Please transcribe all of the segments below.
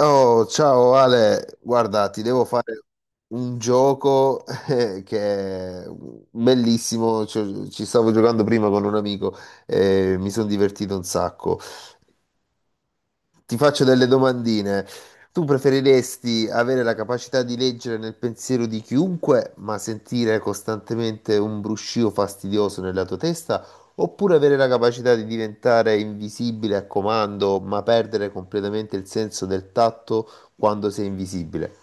Oh, ciao Ale, guarda, ti devo fare un gioco che è bellissimo, cioè, ci stavo giocando prima con un amico e mi sono divertito un sacco. Ti faccio delle domandine. Tu preferiresti avere la capacità di leggere nel pensiero di chiunque, ma sentire costantemente un bruscio fastidioso nella tua testa, oppure avere la capacità di diventare invisibile a comando, ma perdere completamente il senso del tatto quando sei invisibile?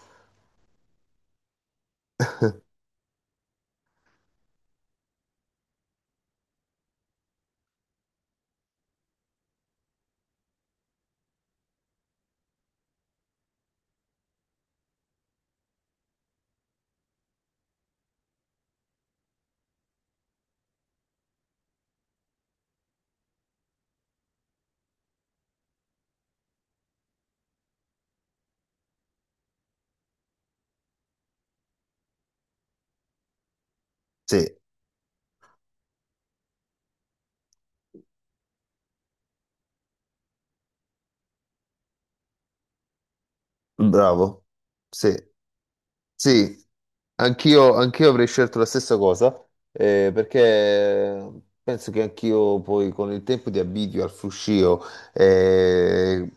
Sì, bravo. Sì. Sì, anch'io avrei scelto la stessa cosa, perché penso che anch'io poi con il tempo ti abitui al fruscio, eh,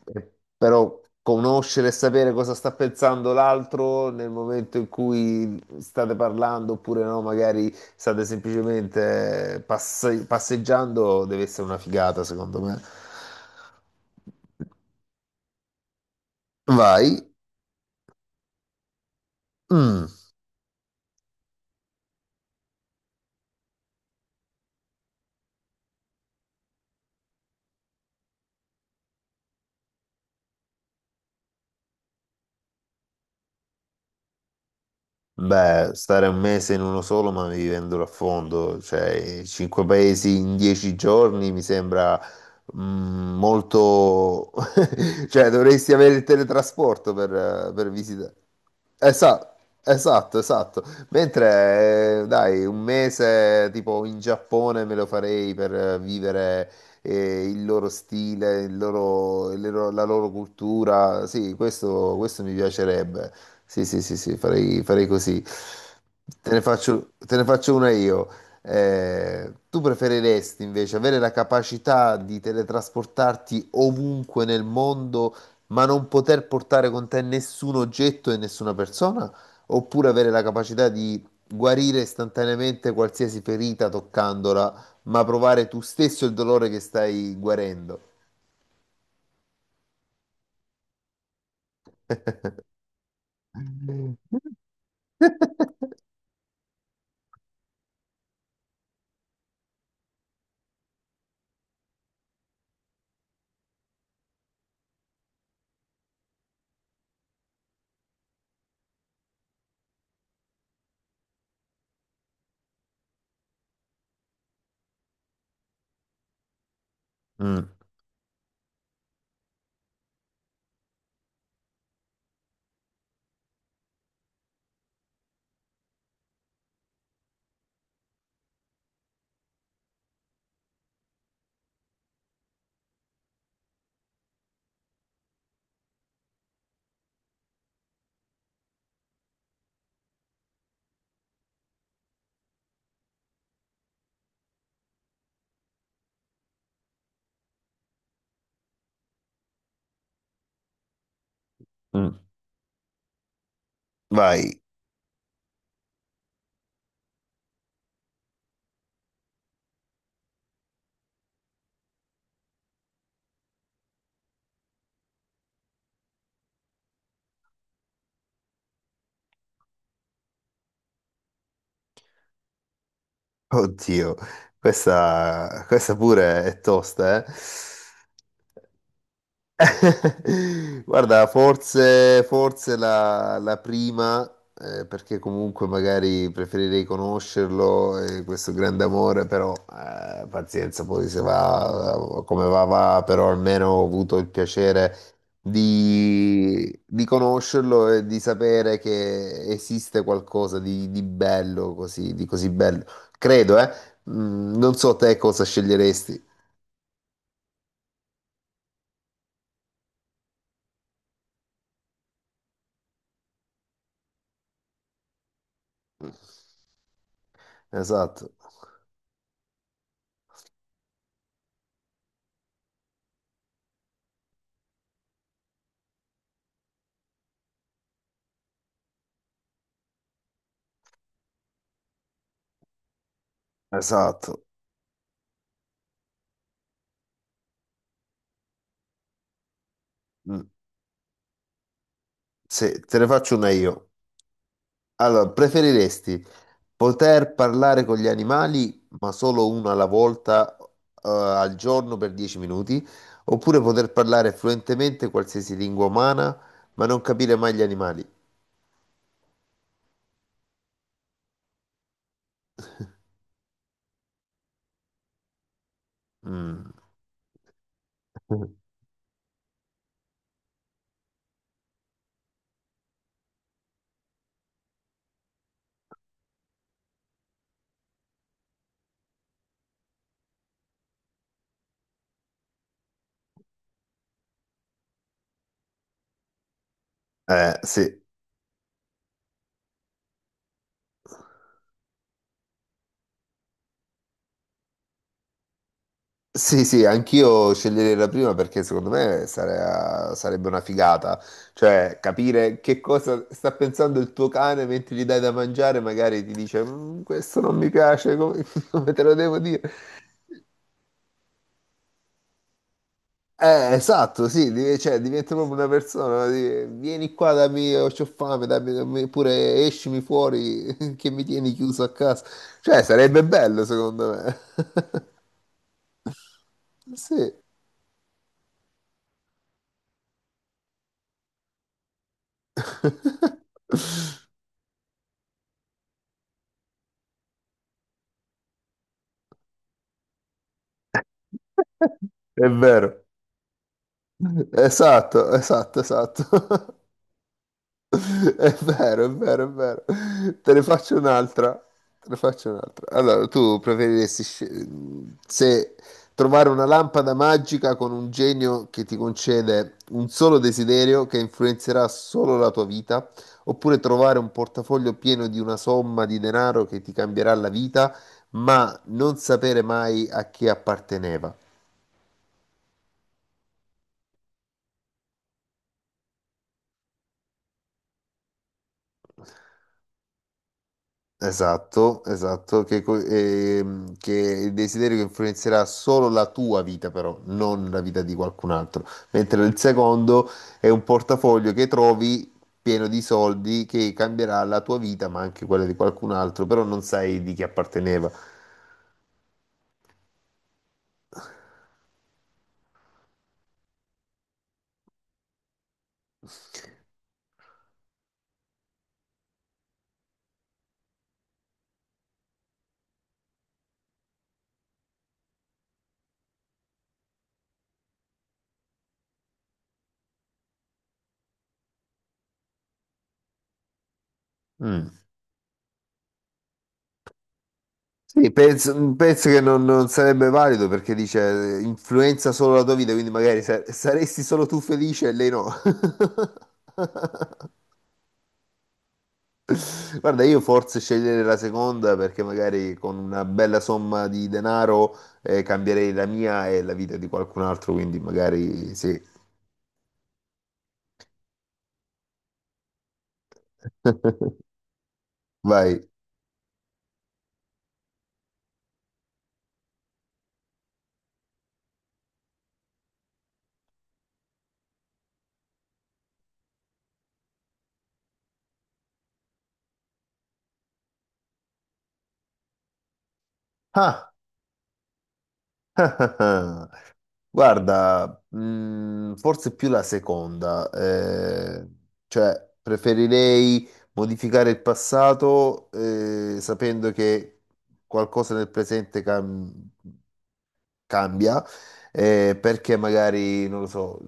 però conoscere e sapere cosa sta pensando l'altro nel momento in cui state parlando, oppure no, magari state semplicemente passeggiando, deve essere una figata, secondo me. Vai. Mm. Beh, stare un mese in uno solo, ma vivendolo a fondo, cioè cinque paesi in dieci giorni mi sembra mm, molto... cioè dovresti avere il teletrasporto per visitare. Esatto, esatto, esatto. Mentre, dai, un mese tipo in Giappone me lo farei per vivere il loro stile, la loro cultura. Sì, questo mi piacerebbe. Sì, sì, sì, sì, farei, farei così. Te ne faccio una io. Tu preferiresti invece avere la capacità di teletrasportarti ovunque nel mondo, ma non poter portare con te nessun oggetto e nessuna persona, oppure avere la capacità di guarire istantaneamente qualsiasi ferita toccandola, ma provare tu stesso il dolore che stai guarendo. Mm, mm. Vai, oddio, questa pure è tosta, eh? Guarda, forse, forse la prima, perché comunque magari preferirei conoscerlo, questo grande amore, però pazienza, poi se va come va, va, però almeno ho avuto il piacere di conoscerlo e di sapere che esiste qualcosa di bello, così, di così bello. Credo, eh. Mm, non so te cosa sceglieresti. Esatto, esatto. Mm. Se te ne faccio una io. Allora, preferiresti poter parlare con gli animali, ma solo una alla volta, al giorno per 10 minuti, oppure poter parlare fluentemente qualsiasi lingua umana, ma non capire mai gli animali? Mm. Sì. Sì, sì, anch'io sceglierei la prima perché secondo me sarebbe una figata, cioè capire che cosa sta pensando il tuo cane mentre gli dai da mangiare, magari ti dice "Mm, questo non mi piace, come, come te lo devo dire?" Esatto, sì, cioè, diventa proprio una persona, di- vieni qua, dammi, ho c'ho fame, dammi, dammi pure escimi fuori che mi tieni chiuso a casa, cioè sarebbe bello secondo me, sì, è vero. Esatto, esatto, esatto. È vero, è vero, è vero. Te ne faccio un'altra. Te ne faccio un'altra. Allora, tu preferiresti sce- se trovare una lampada magica con un genio che ti concede un solo desiderio che influenzerà solo la tua vita, oppure trovare un portafoglio pieno di una somma di denaro che ti cambierà la vita, ma non sapere mai a chi apparteneva? Esatto, esatto, che, che il desiderio che influenzerà solo la tua vita, però, non la vita di qualcun altro. Mentre il secondo è un portafoglio che trovi pieno di soldi che cambierà la tua vita, ma anche quella di qualcun altro, però non sai di chi apparteneva. Mm. Sì, penso, mm, penso che non, non sarebbe valido perché dice influenza solo la tua vita, quindi magari saresti solo tu felice e lei no. Guarda, io forse sceglierei la seconda perché magari con una bella somma di denaro cambierei la mia e la vita di qualcun altro, quindi magari sì. Vai. Ah, ah, ah, ah. Guarda, forse più la seconda, cioè preferirei modificare il passato sapendo che qualcosa nel presente cambia, perché magari, non lo so.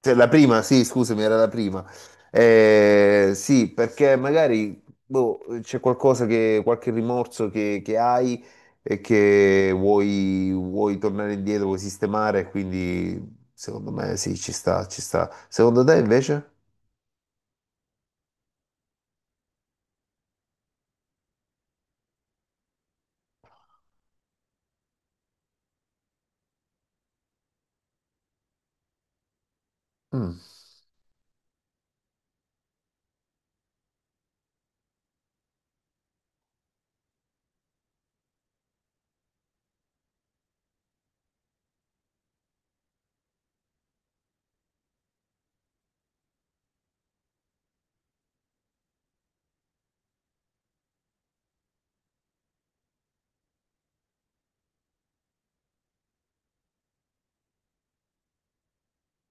Cioè, la prima, sì, scusami, era la prima. Sì, perché magari boh, qualche rimorso che hai e che vuoi tornare indietro, vuoi sistemare, quindi secondo me sì, ci sta, ci sta. Secondo te invece? Mm.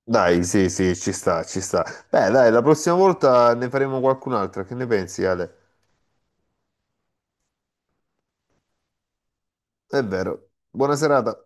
Dai, sì, sì, ci sta, ci sta. Beh, dai, la prossima volta ne faremo qualcun'altra, che ne pensi, Ale? È vero. Buona serata.